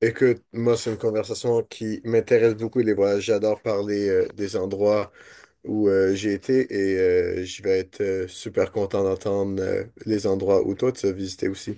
Écoute, moi, c'est une conversation qui m'intéresse beaucoup, les voyages. J'adore parler des endroits où j'ai été et je vais être super content d'entendre les endroits où toi, tu as visité aussi.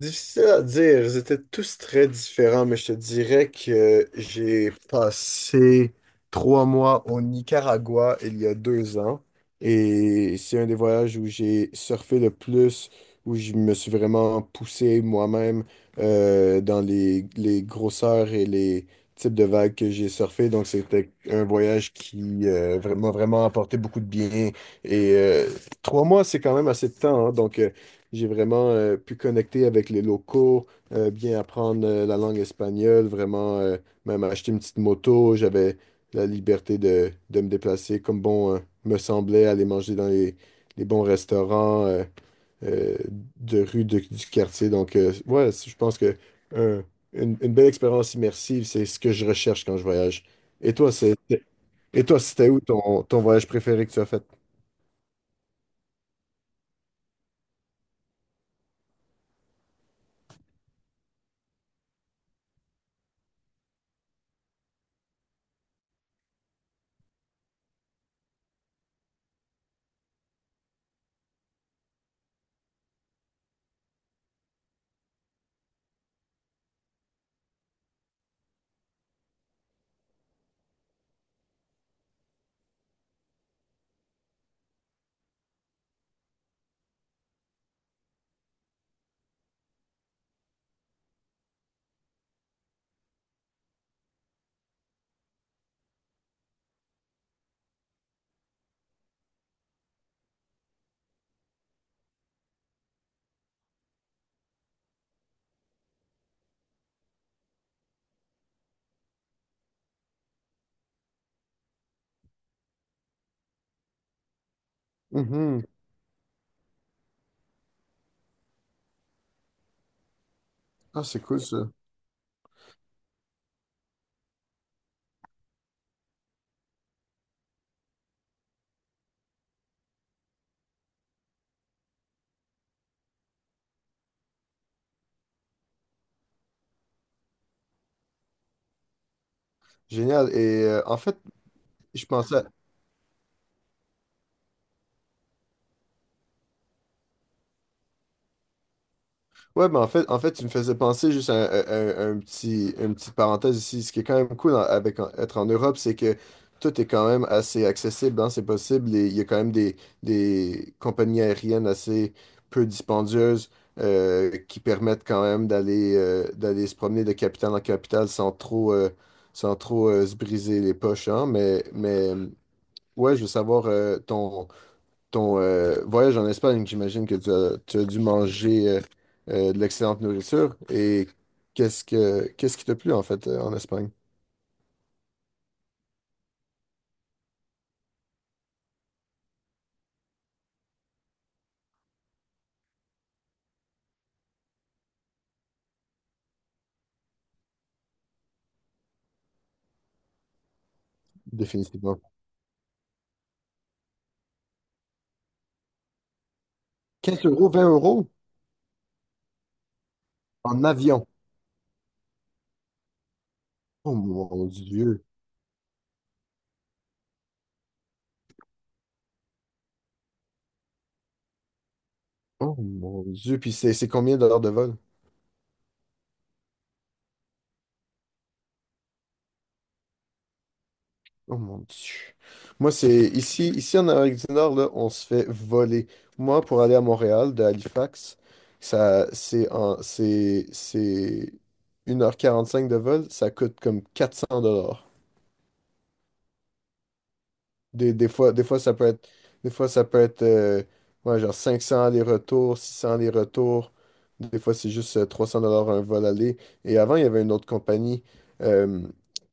Difficile à dire, ils étaient tous très différents, mais je te dirais que j'ai passé trois mois au Nicaragua il y a deux ans, et c'est un des voyages où j'ai surfé le plus, où je me suis vraiment poussé moi-même dans les grosseurs et les types de vagues que j'ai surfé. Donc c'était un voyage qui m'a vraiment apporté beaucoup de bien, et trois mois c'est quand même assez de temps, hein. Donc, j'ai vraiment pu connecter avec les locaux, bien apprendre la langue espagnole, vraiment même acheter une petite moto. J'avais la liberté de me déplacer comme bon me semblait, aller manger dans les bons restaurants euh, de rue du quartier. Donc, ouais, je pense que un- une belle expérience immersive, c'est ce que je recherche quand je voyage. Et toi, c'est, et toi, c'était où ton, ton voyage préféré que tu as fait? Mhm. Ah, c'est cool ça. Génial. Je pensais. Ouais, mais en fait, tu me faisais penser juste à un, à un petit, une petite parenthèse ici. Ce qui est quand même cool avec être en Europe, c'est que tout est quand même assez accessible, hein, c'est possible. Et il y a quand même des compagnies aériennes assez peu dispendieuses qui permettent quand même d'aller d'aller se promener de capitale en capitale sans trop, sans trop se briser les poches, hein. Mais ouais, je veux savoir ton ton voyage en Espagne, j'imagine que tu as dû manger de l'excellente nourriture. Et qu'est-ce qui t'a plu en fait en Espagne? Définitivement. Quinze euros, vingt euros en avion. Oh mon Dieu. Oh mon Dieu. Puis c'est combien d'heures de vol? Oh mon Dieu. Moi, c'est ici, ici en Amérique du Nord, là, on se fait voler. Moi, pour aller à Montréal, de Halifax, ça, c'est une heure quarante-cinq de vol, ça coûte comme 400. Des fois, des fois, ça peut être, ouais, genre 500 les retours, 600 les retours. Des fois, c'est juste 300 dollars un vol aller. Et avant, il y avait une autre compagnie euh,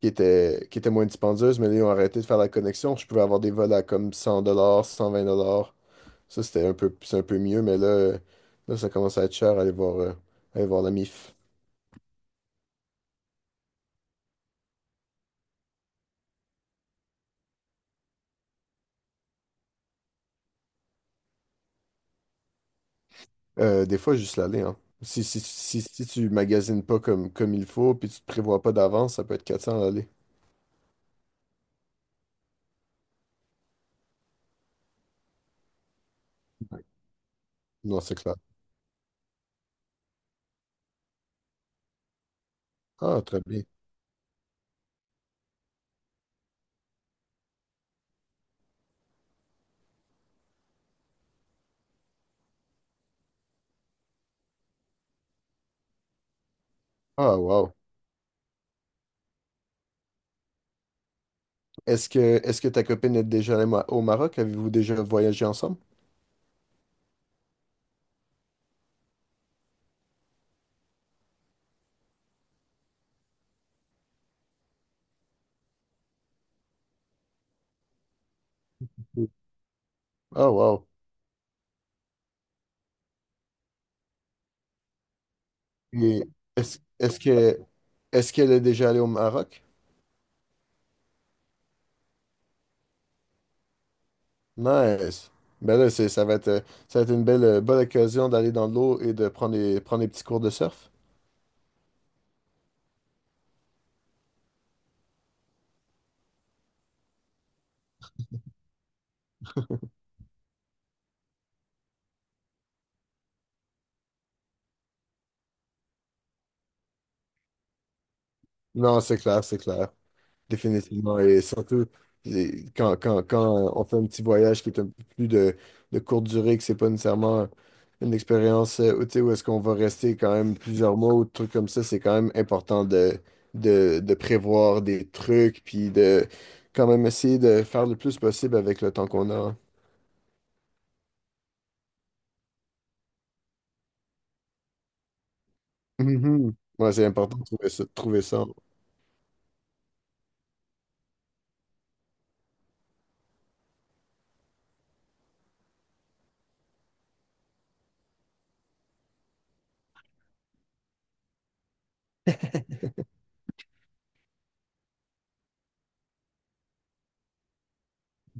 qui était moins dispendieuse, mais là, ils ont arrêté de faire la connexion. Je pouvais avoir des vols à comme 100 dollars, 120 dollars. Ça, c'était un peu, c'est un peu mieux, mais là, là, ça commence à être cher aller voir la MIF. Des fois, juste l'aller, hein. Si tu magasines pas comme, comme il faut, puis tu te prévois pas d'avance, ça peut être 400 l'aller. Non, c'est clair. Ah, très bien. Ah, wow. Est-ce que ta copine est déjà allée au Maroc? Avez-vous déjà voyagé ensemble? Oui. Ah, wow. Et est-ce, est-ce que, est-ce qu'elle est déjà allée au Maroc? Nice. Ben là, ça va être une belle, bonne occasion d'aller dans l'eau et de prendre des petits cours de surf. Non, c'est clair, c'est clair. Définitivement. Et surtout, et quand on fait un petit voyage qui est un peu plus de courte durée, que c'est pas nécessairement une expérience où, tu sais, où est-ce qu'on va rester quand même plusieurs mois ou des trucs comme ça, c'est quand même important de prévoir des trucs, puis de quand même essayer de faire le plus possible avec le temps qu'on a. Mhm. Ouais, c'est important de trouver ça. De trouver ça.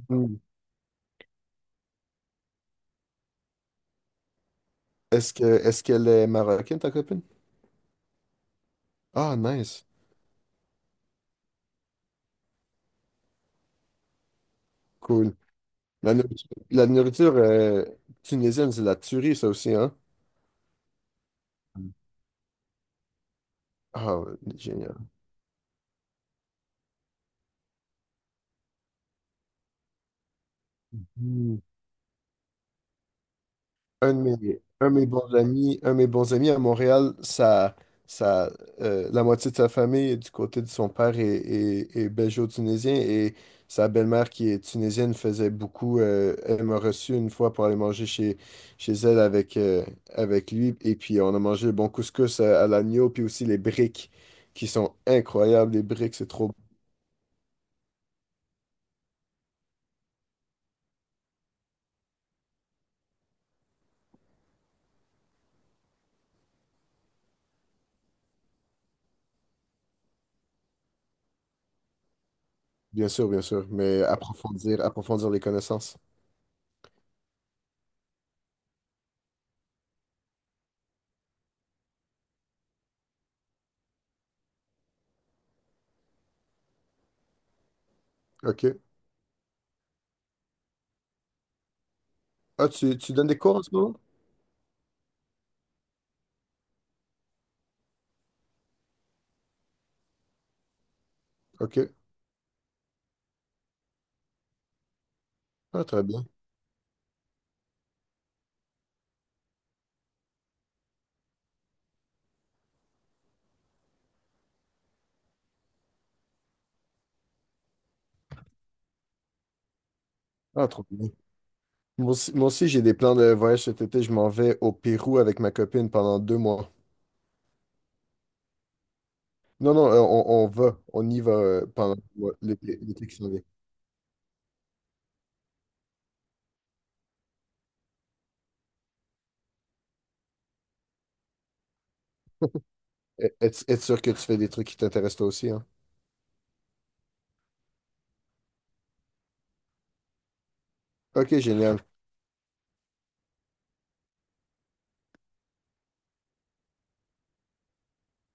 Mhm. Est-ce qu'elle est marocaine, ta copine? Ah, nice. Cool. La nourriture, tunisienne, c'est de la tuerie, ça aussi, hein? Ah, ouais, génial. Mm. Un de mes bons amis, un de mes bons amis à Montréal, ça, la moitié de sa famille, du côté de son père, est belgeo-tunisien, et sa belle-mère qui est tunisienne faisait beaucoup. Elle m'a reçu une fois pour aller manger chez, chez elle avec, avec lui, et puis on a mangé le bon couscous à l'agneau, puis aussi les briques qui sont incroyables. Les briques, c'est trop. Bien sûr, mais approfondir, approfondir les connaissances. OK. Ah, tu donnes des cours en ce moment? OK. Ah, très bien. Ah, trop bien. Moi aussi, j'ai des plans de voyage cet été. Je m'en vais au Pérou avec ma copine pendant deux mois. Non, non, on va. On y va pendant ouais, l'été l'été qui s'en vient. Être, être sûr que tu fais des trucs qui t'intéressent toi aussi, hein. OK, génial.